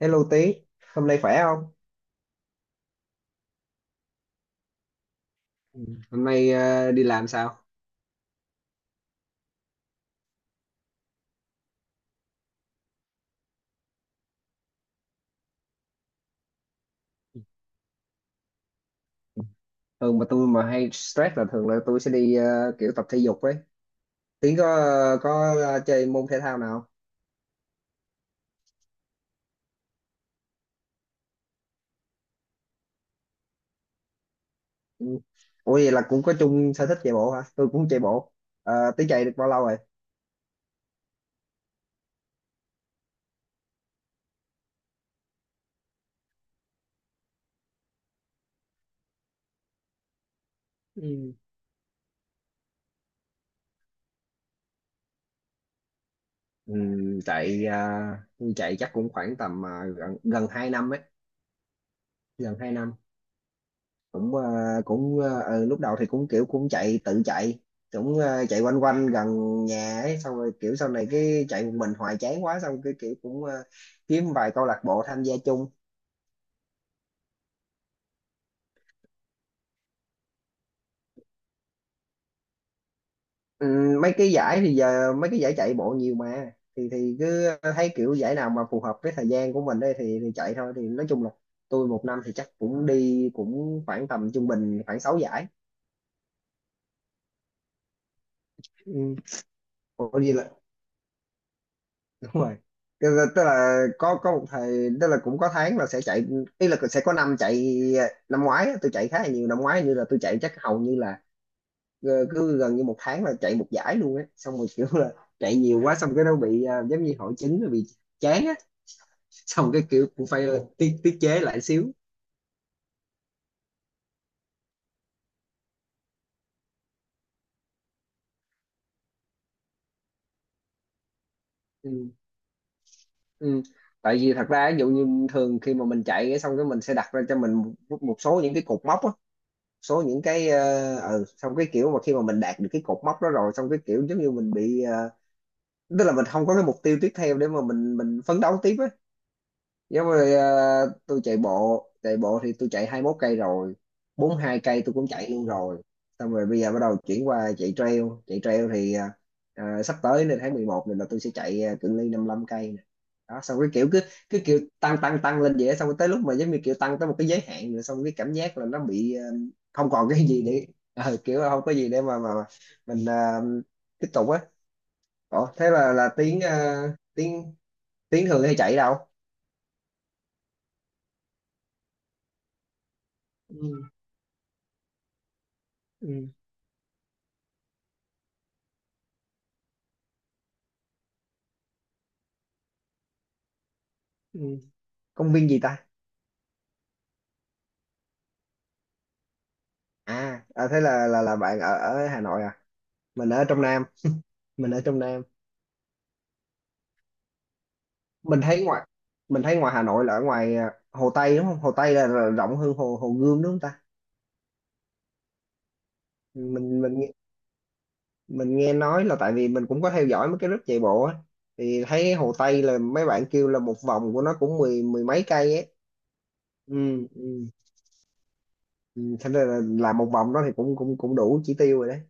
Hello Tí, hôm nay khỏe không? Ừ. Hôm nay đi làm sao? Thường mà tôi mà hay stress là thường là tôi sẽ đi kiểu tập thể dục ấy. Tí chơi môn thể thao nào không? Ừ. Ủa vậy là cũng có chung sở thích chạy bộ hả? Tôi cũng chạy bộ. Ờ, Tí chạy được bao lâu rồi? Ừ. Ừ, chạy ờ, chạy chắc cũng khoảng tầm gần gần 2 năm ấy, gần 2 năm. cũng ờ, Lúc đầu thì cũng kiểu cũng chạy tự chạy chạy quanh quanh gần nhà ấy, xong rồi kiểu sau này cái chạy một mình hoài chán quá, xong cái kiểu kiếm vài câu lạc bộ tham gia chung. Ừ, mấy cái giải thì giờ mấy cái giải chạy bộ nhiều mà, thì cứ thấy kiểu giải nào mà phù hợp với thời gian của mình đây thì chạy thôi, thì nói chung là tôi một năm thì chắc cũng đi cũng khoảng tầm trung bình khoảng 6 giải. Ừ. Ủa, vậy là đúng rồi, tức là có một thời, tức là cũng có tháng là sẽ chạy, ý là sẽ có năm chạy. Năm ngoái á, tôi chạy khá là nhiều. Năm ngoái như là tôi chạy chắc hầu như là cứ gần như một tháng là chạy một giải luôn á, xong rồi kiểu là chạy nhiều quá, xong cái nó bị giống như hội chứng, nó bị chán á, xong cái kiểu cũng phải tiết tiết chế lại xíu. Ừ. Ừ. Tại vì thật ra ví dụ như thường khi mà mình chạy cái, xong cái mình sẽ đặt ra cho mình một số những cái cột mốc á, số những cái xong cái kiểu mà khi mà mình đạt được cái cột mốc đó rồi, xong cái kiểu giống như mình bị tức là mình không có cái mục tiêu tiếp theo để mà mình phấn đấu tiếp á. Giống như tôi chạy bộ, thì tôi chạy 21 cây rồi, 42 cây tôi cũng chạy luôn rồi. Xong rồi bây giờ bắt đầu chuyển qua chạy trail, thì sắp tới nên tháng 11 này là tôi sẽ chạy cự ly 55 cây nè. Đó, xong cái kiểu cứ cứ kiểu tăng tăng tăng lên vậy á, xong rồi tới lúc mà giống như kiểu tăng tới một cái giới hạn rồi, xong cái cảm giác là nó bị không còn cái gì để kiểu là không có gì để mà mình tiếp tục á. Ủa, thế là tiếng tiếng tiếng thường hay chạy đâu? Ừ, ừ, ừ. Công viên gì ta? À, thế là bạn ở ở Hà Nội à? Mình ở trong Nam mình ở trong Nam mình thấy ngoài mình thấy ngoài Hà Nội là ở ngoài Hồ Tây đúng không? Hồ Tây là rộng hơn Hồ Hồ Gươm đúng không ta? Mình mình nghe- mình nghe nói là tại vì mình cũng có theo dõi mấy cái group chạy bộ á, thì thấy Hồ Tây là mấy bạn kêu là một vòng của nó cũng mười mười mấy cây ấy. Ừ, ừ. Ừ, thế nên là làm một vòng đó thì cũng cũng cũng đủ chỉ tiêu rồi đấy.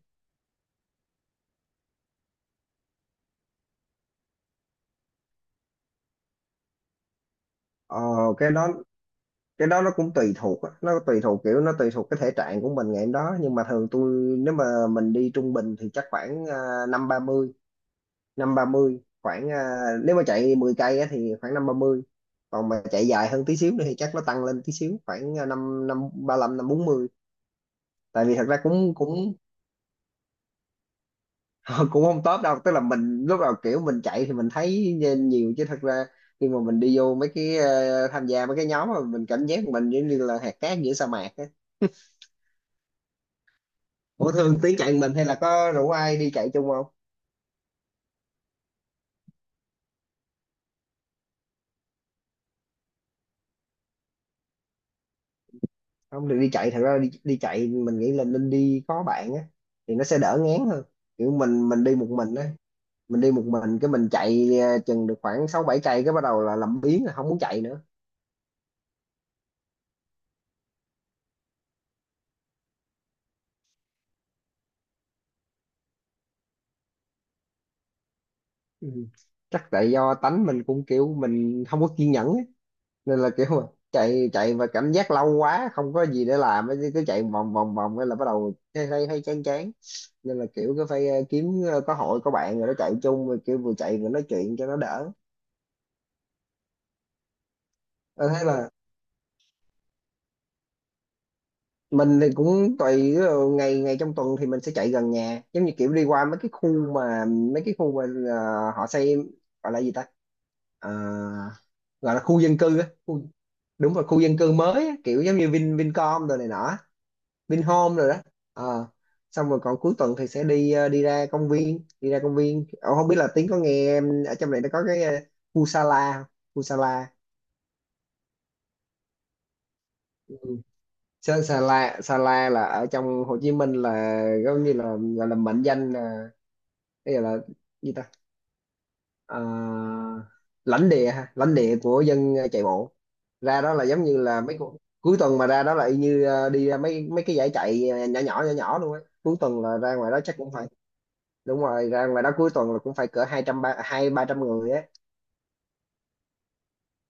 ờ cái đó cái đó nó cũng tùy thuộc á. Nó tùy thuộc cái thể trạng của mình ngày hôm đó, nhưng mà thường tôi, nếu mà mình đi trung bình thì chắc khoảng năm ba mươi năm ba mươi khoảng nếu mà chạy 10 cây á, thì khoảng năm ba mươi. Còn mà chạy dài hơn tí xíu nữa thì chắc nó tăng lên tí xíu, khoảng năm năm ba lăm, năm bốn mươi. Tại vì thật ra cũng cũng cũng không top đâu, tức là mình lúc đầu kiểu mình chạy thì mình thấy nhiều, chứ thật ra khi mà mình đi vô mấy cái tham gia mấy cái nhóm mà mình cảm giác mình giống như là hạt cát giữa sa mạc. Ủa, Thương tiến chạy một mình hay là có rủ ai đi chạy chung không? Không được đi chạy, thật ra đi chạy mình nghĩ là nên đi có bạn á, thì nó sẽ đỡ ngán hơn. Kiểu mình đi một mình á, mình đi một mình cái mình chạy chừng được khoảng 6 7 cây cái bắt đầu là làm biếng, là không muốn chạy nữa. Ừ. Chắc tại do tánh mình cũng kiểu mình không có kiên nhẫn á, nên là kiểu mà chạy chạy và cảm giác lâu quá, không có gì để làm á, cứ chạy vòng vòng vòng cái là bắt đầu thấy thấy thấy chán chán. Nên là kiểu cứ phải kiếm có hội có bạn rồi nó chạy chung, rồi kiểu vừa chạy vừa nói chuyện cho nó đỡ. Ờ, Thế là mình thì cũng tùy, ví dụ ngày ngày trong tuần thì mình sẽ chạy gần nhà, giống như kiểu đi qua mấy cái khu mà mấy cái khu mà họ xây gọi là gì ta? Ờ, Gọi là khu dân cư á, khu, đúng rồi khu dân cư mới á, kiểu giống như Vincom rồi này nọ, Vinhome rồi đó. Ờ. Xong rồi còn cuối tuần thì sẽ đi đi ra công viên. Ờ, Không biết là Tiến có nghe em ở trong này nó có cái khu Sala không? Khu Sala. Ừ. Sa- Sala Sala là ở trong Hồ Chí Minh, là giống như là gọi là mệnh danh là cái gọi là gì ta, Ờ, lãnh địa ha, lãnh địa của dân chạy bộ. Ra đó là giống như là mấy cuối tuần mà ra đó là y như đi ra mấy mấy cái giải chạy nhỏ nhỏ nhỏ nhỏ luôn á. Cuối tuần là ra ngoài đó chắc cũng phải, đúng rồi, ra ngoài đó cuối tuần là cũng phải cỡ hai trăm ba, hai ba trăm người á.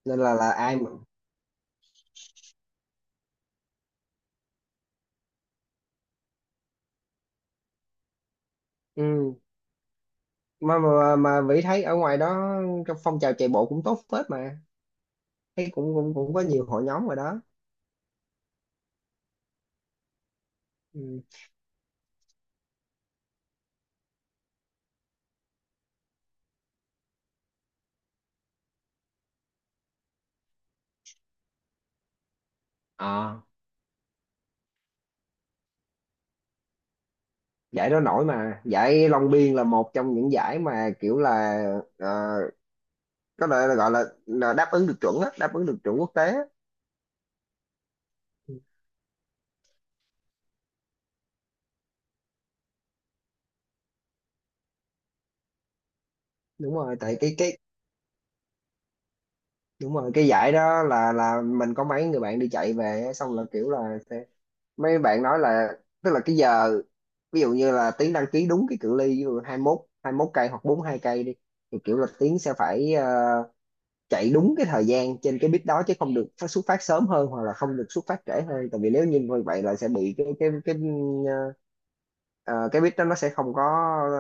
Nên là ai mà. Ừ. Mà mà Vĩ thấy ở ngoài đó trong phong trào chạy bộ cũng tốt phết mà, thấy cũng cũng cũng có nhiều hội nhóm rồi đó. Ừ. À. Giải đó nổi mà, giải Long Biên là một trong những giải mà kiểu là ờ, có thể là gọi là đáp ứng được chuẩn á, đáp ứng được chuẩn quốc tế á. Ừ. Đúng rồi, tại cái đúng rồi, cái giải đó là, mình có mấy người bạn đi chạy về á, xong là kiểu là mấy bạn nói là, tức là cái giờ ví dụ như là Tiến đăng ký đúng cái cự ly ví dụ 21 cây hoặc 42 cây đi, thì kiểu là Tiến sẽ phải chạy đúng cái thời gian trên cái bit đó, chứ không được xuất phát sớm hơn hoặc là không được xuất phát trễ hơn, tại vì nếu như như vậy là sẽ bị cái ờ, ờ, cái bit đó nó sẽ không có ờ,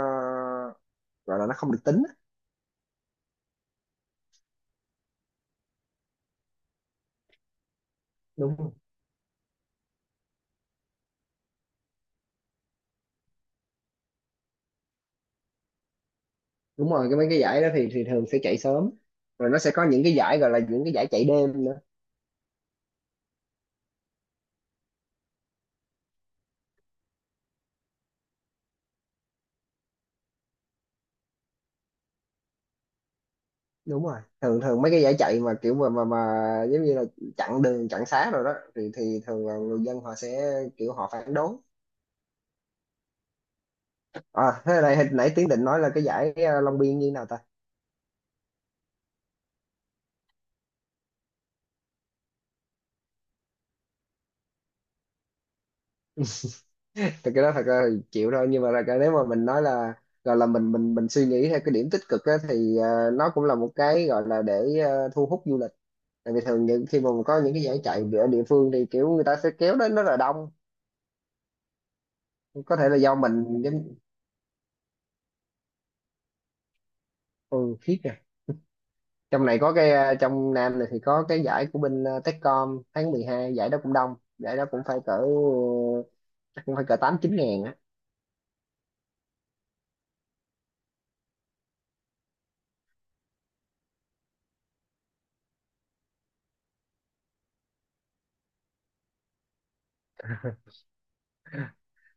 gọi là nó không được tính á. Đúng không? Đúng rồi, cái mấy cái giải đó thì thường sẽ chạy sớm, rồi nó sẽ có những cái giải gọi là những cái giải chạy đêm. Đúng rồi, thường thường mấy cái giải chạy mà kiểu mà giống như là chặn đường chặn xá rồi đó thì thường là người dân họ sẽ kiểu họ phản đối. À, thế này hồi nãy Tiến định nói là cái giải Long Biên như thế nào ta? Thì cái đó thật ra thì chịu thôi, nhưng mà là cái, nếu mà mình nói là gọi là mình suy nghĩ theo cái điểm tích cực á, thì nó cũng là một cái gọi là để thu hút du lịch. Tại vì thường những khi mà có những cái giải chạy ở địa phương thì kiểu người ta sẽ kéo đến rất là đông, có thể là do mình giống. Ừ, khiếp. Trong này có cái trong Nam này thì có cái giải của bên Techcom, tháng mười hai, giải đó cũng đông, giải đó cũng phải cỡ chắc cũng phải cỡ tám chín ngàn á.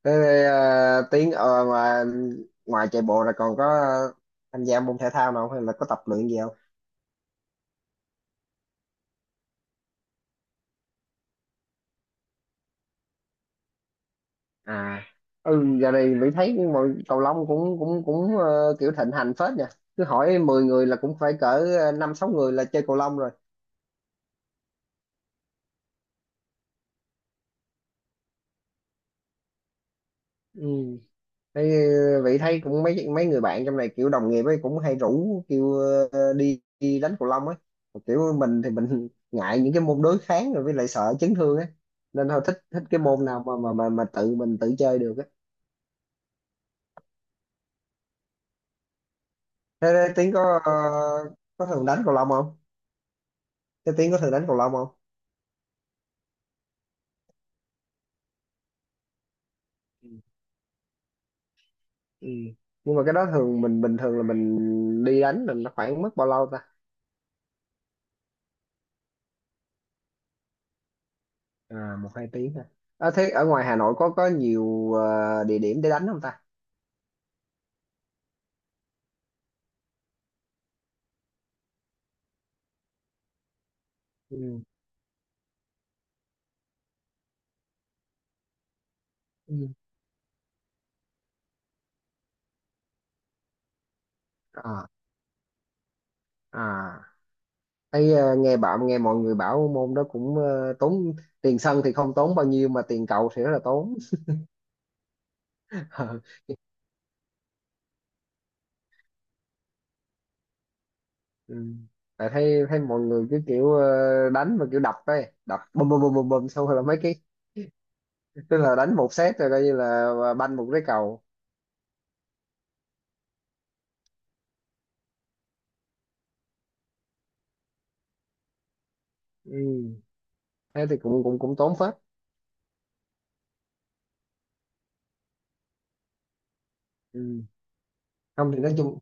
Thế, tiếng mà ngoài chạy bộ là còn có tham gia môn thể thao nào không, hay là có tập luyện gì không? À. Ừ, giờ này Mỹ thấy mọi cầu lông cũng cũng cũng kiểu thịnh hành phết nha, cứ hỏi 10 người là cũng phải cỡ năm sáu người là chơi cầu lông rồi. Ừ. Thế vậy thấy cũng mấy mấy người bạn trong này kiểu đồng nghiệp ấy cũng hay rủ kêu đi đánh cầu lông ấy. Kiểu mình thì mình ngại những cái môn đối kháng, rồi với lại sợ chấn thương ấy, nên thôi, thích thích cái môn nào mà mà tự mình tự chơi được ấy. Thế, Tiến có có thường đánh cầu lông không? Thế Tiến có thường đánh cầu lông không? Ừ. Ừ. Nhưng mà cái đó thường mình bình thường là mình đi đánh là nó khoảng mất bao lâu ta? À, một hai tiếng ha. À, thế ở ngoài Hà Nội có nhiều địa điểm để đánh không ta? Ừ. Ừ. À. À, thấy nghe bạn nghe mọi người bảo môn đó cũng tốn, tiền sân thì không tốn bao nhiêu mà tiền cầu thì rất là tốn. Ừ. Tại thấy thấy mọi người cứ kiểu đánh mà kiểu đập ấy, đập bùm bùm bùm bùm bùm xong rồi là mấy cái, tức là đánh một set rồi coi như là banh một cái cầu. Ừ. Thế thì cũng cũng cũng tốn phết. Ừ. Không thì nói chung.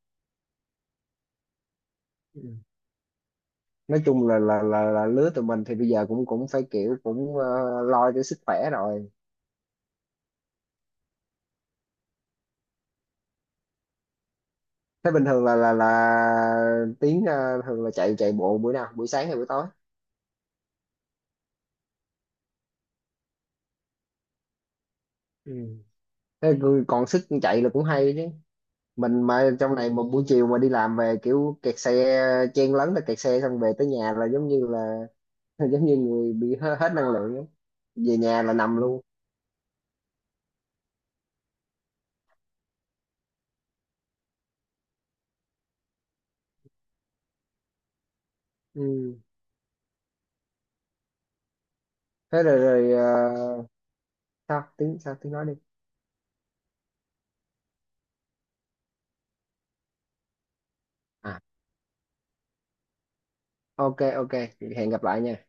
Ừ. Nói chung là lứa tụi mình thì bây giờ cũng cũng phải kiểu cũng lo cho sức khỏe rồi. Thế bình thường là Tiến à, thường là chạy chạy bộ buổi nào, buổi sáng hay buổi tối? Ừ. Thế rồi còn sức chạy là cũng hay chứ. Mình mà trong này một buổi chiều mà đi làm về kiểu kẹt xe, chen lấn là kẹt xe, xong về tới nhà là giống như là giống như người bị hết năng lượng ấy. Về nhà là nằm luôn. Ừ. Thế rồi rồi sao tiếng nói đi. À, ok, ok, hẹn gặp lại nha.